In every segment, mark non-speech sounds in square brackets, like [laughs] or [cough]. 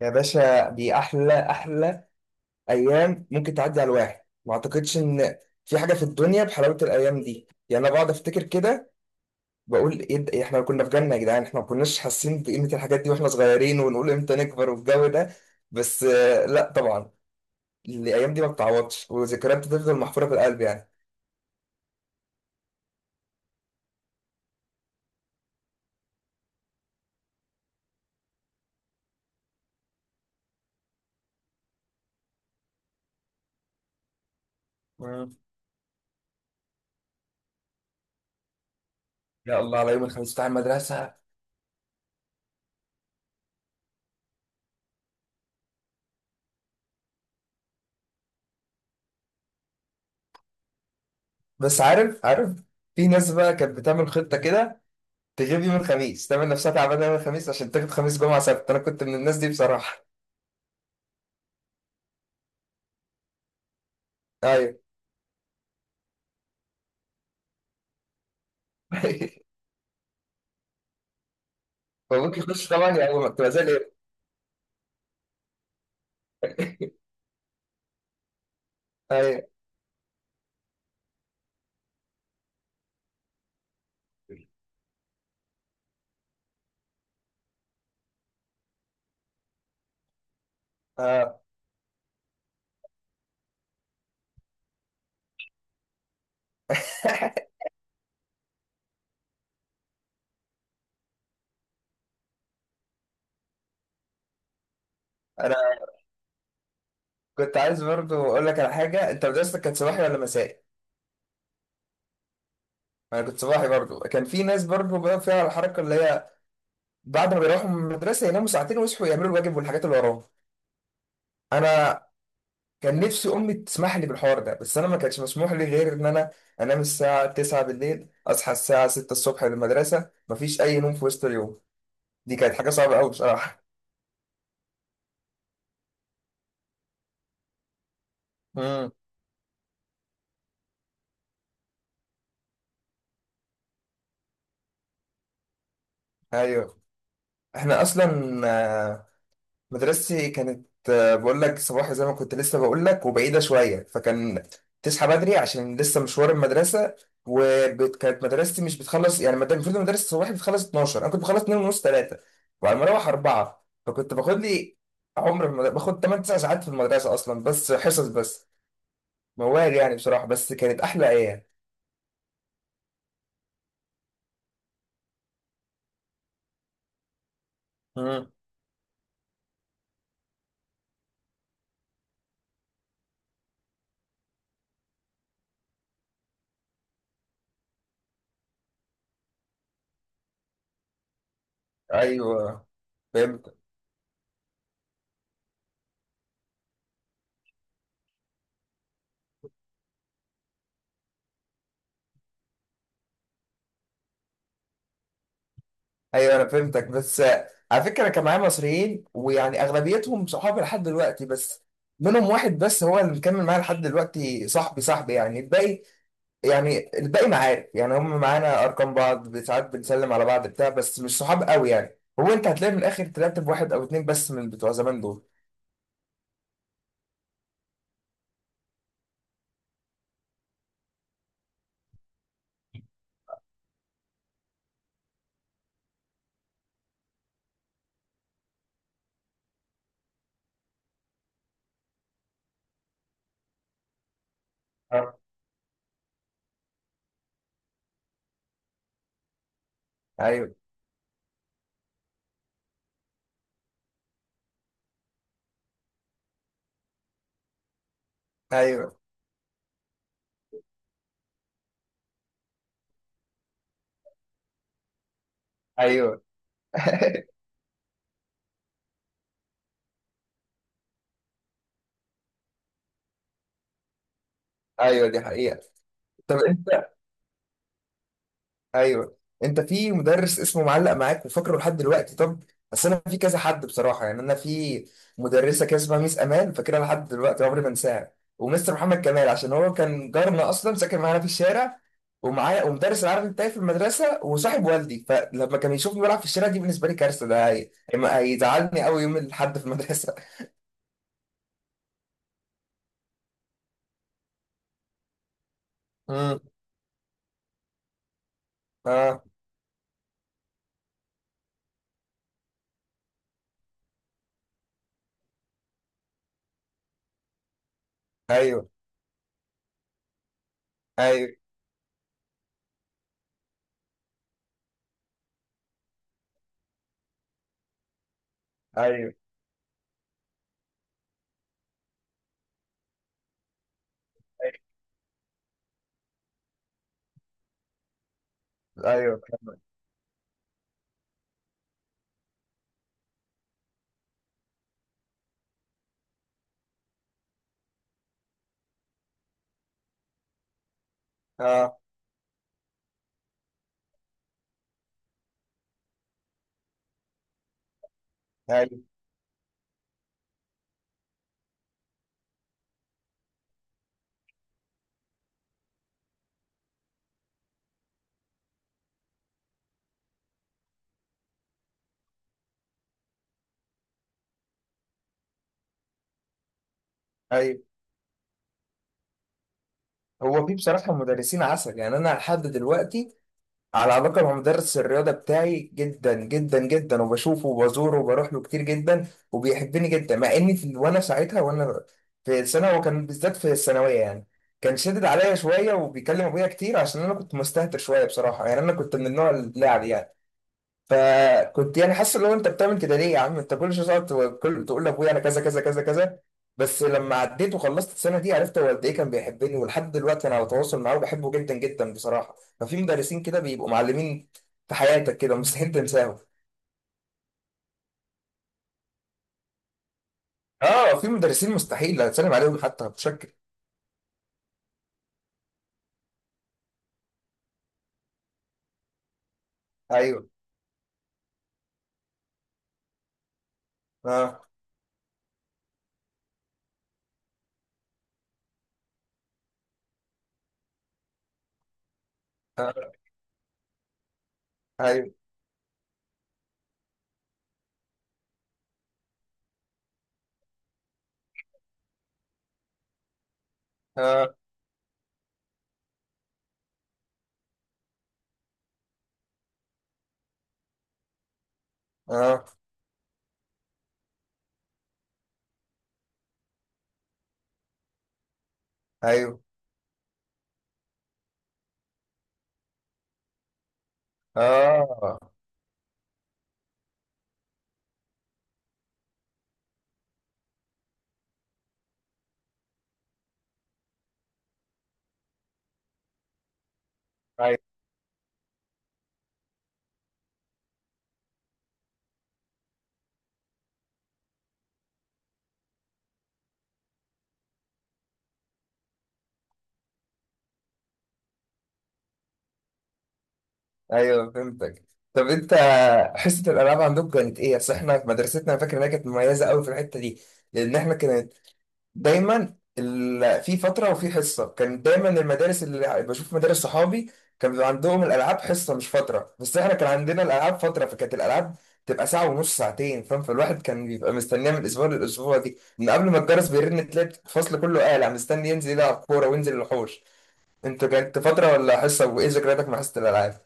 يا باشا، دي احلى احلى ايام ممكن تعدي على الواحد. ما اعتقدش ان في حاجه في الدنيا بحلاوه الايام دي. يعني انا بقعد افتكر كده، بقول إيه احنا كنا في جنه يا جدعان. احنا ما كناش حاسين بقيمه الحاجات دي واحنا صغيرين، ونقول امتى نكبر والجو ده. بس لا طبعا، الايام دي ما بتعوضش، وذكريات بتفضل محفوره في القلب يعني. مم. يا الله على يوم الخميس بتاع المدرسة. بس عارف، عارف، في ناس بقى كانت بتعمل خطة كده، تغيب يوم الخميس، تعمل نفسها تعبانة يوم الخميس عشان تاخد خميس جمعة سبت. أنا كنت من الناس دي بصراحة. ايوه. [laughs] فابوك يخش طبعا، يعني ما تبقى زي الايه. ايوه. اه. [laughs] انا كنت عايز برضو اقول لك على حاجه، انت مدرستك كانت صباحي ولا مسائي؟ انا كنت صباحي برضو. كان في ناس برضو بقى فيها الحركه اللي هي، بعد ما بيروحوا من المدرسه يناموا ساعتين ويصحوا يعملوا الواجب والحاجات اللي وراهم. انا كان نفسي امي تسمح لي بالحوار ده، بس انا ما كانش مسموح لي غير ان انا انام الساعه 9 بالليل، اصحى الساعه 6 الصبح للمدرسه. مفيش اي نوم في وسط اليوم، دي كانت حاجه صعبه قوي بصراحه. امم. ايوه. احنا اصلا مدرستي كانت بقول لك صباحي زي ما كنت لسه بقول لك، وبعيدة شوية، فكان تصحى بدري عشان لسه مشوار المدرسة. وكانت مدرستي مش بتخلص يعني المفروض المدرسة الصباحي بتخلص 12، أنا كنت بخلص 2 ونص 3، وعلى ما أروح 4. فكنت باخد لي عمر في المدرسة، باخد 8 9 ساعات في المدرسة أصلا بس حصص بس. موال يعني بصراحة، بس كانت أحلى أيام. مم. أيوه. ايوه انا فهمتك، بس على فكره كان معايا مصريين ويعني اغلبيتهم صحابي لحد دلوقتي، بس منهم واحد بس هو اللي مكمل معايا لحد دلوقتي، صاحبي صاحبي يعني. الباقي يعني الباقي معارف يعني، هم معانا ارقام بعض، ساعات بنسلم على بعض بتاع، بس مش صحاب قوي يعني. هو انت هتلاقي من الاخر طلعت بواحد او اتنين بس من بتوع زمان دول. آه. ايوه. ايوه. ايوه. [laughs] ايوه، دي حقيقه. طب انت، ايوه، انت في مدرس اسمه معلق معاك وفاكره لحد دلوقتي؟ طب بس انا في كذا حد بصراحه، يعني انا في مدرسه كده اسمها ميس امان، فاكرها لحد دلوقتي عمري ما انساها. ومستر محمد كمال عشان هو كان جارنا اصلا، ساكن معانا في الشارع ومعايا، ومدرس العربي بتاعي في المدرسه وصاحب والدي. فلما كان يشوفني بلعب في الشارع دي بالنسبه لي كارثه، ده هيزعلني قوي يوم الاحد في المدرسه. امم. [laughs] اه. ايوه. ايوه. ايوه. ايوه. ايوه. اه. ايوه. ايوه. هو في بصراحة مدرسين عسل يعني، أنا لحد دلوقتي على علاقة مع مدرس الرياضة بتاعي جدا جدا جدا، وبشوفه وبزوره وبروح له كتير جدا، وبيحبني جدا مع إني في وأنا ساعتها وأنا في السنة وكان بالذات في الثانوية، يعني كان شدد عليا شوية وبيكلم أبويا كتير، عشان أنا كنت مستهتر شوية بصراحة، يعني أنا كنت من النوع اللاعب يعني. فكنت يعني حاسس اللي هو انت بتعمل كده ليه يا عم، انت كل شويه تقعد تقول- كل تقول لابويا انا كذا كذا كذا كذا. بس لما عديت وخلصت السنه دي عرفت هو قد ايه كان بيحبني، ولحد دلوقتي انا على تواصل معاه وبحبه جدا جدا بصراحه. ففي مدرسين كده بيبقوا معلمين في حياتك كده مستحيل تنساهم. اه، في مدرسين مستحيل هتسلم عليهم حتى بشكل. ايوه. اه. اه. ايوه. اه. اه. ايوه. اه. ايوه. ايوه فهمتك. طب انت، حصه الالعاب عندكم كانت ايه؟ اصل احنا في مدرستنا أنا فاكر انها كانت مميزه قوي في الحته دي، لان احنا كانت دايما في فتره وفي حصه. كان دايما المدارس اللي بشوف مدارس صحابي كان بيبقى عندهم الالعاب حصه مش فتره، بس احنا كان عندنا الالعاب فتره، فكانت الالعاب تبقى ساعه ونص ساعتين فاهم. فالواحد كان بيبقى مستنيها من الاسبوع للاسبوع، دي من قبل ما الجرس بيرن تلاقي الفصل كله قالع مستني ينزل يلعب كوره وينزل الحوش. انت كانت فتره ولا حصه، وايه ذكرياتك مع حصه الالعاب؟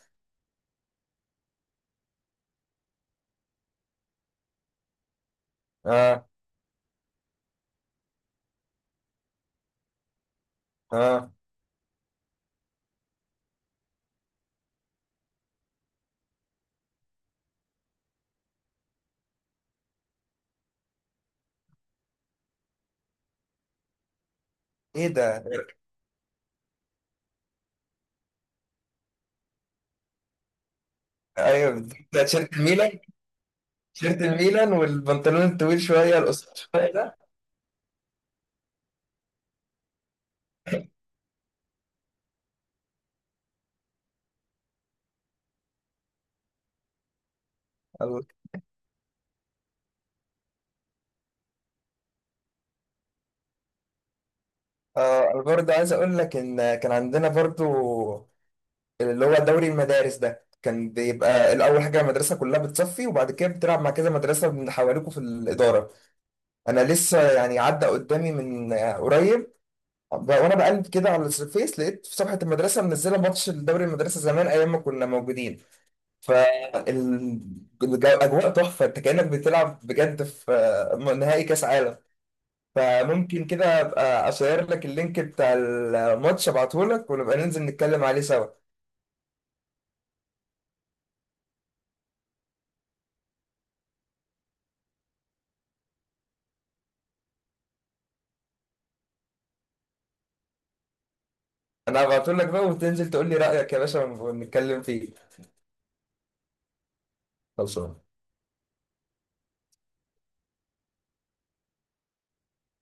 اه. اه. ايه ده. ايوه. ده تيشيرت الميلان، تيشيرت الميلان والبنطلون الطويل شويه القصير شويه ده. ال- آه انا برضه عايز اقول لك ان كان عندنا برضه اللي هو دوري المدارس ده. كان بيبقى الاول حاجه المدرسه كلها بتصفي، وبعد كده بتلعب مع كذا مدرسه من حواليكوا في الاداره. انا لسه يعني عدى قدامي من قريب، وانا بقلب كده على الفيس لقيت في صفحه المدرسه منزله ماتش الدوري المدرسه زمان ايام ما كنا موجودين. فالأجواء تحفة، أنت كأنك بتلعب بجد في نهائي كأس عالم. فممكن كده أبقى أشير لك اللينك بتاع الماتش أبعتهولك، ونبقى ننزل نتكلم عليه سوا. أنا هبعتهولك بقى، وتنزل تقول لي رأيك يا باشا ونتكلم فيه. خلصان.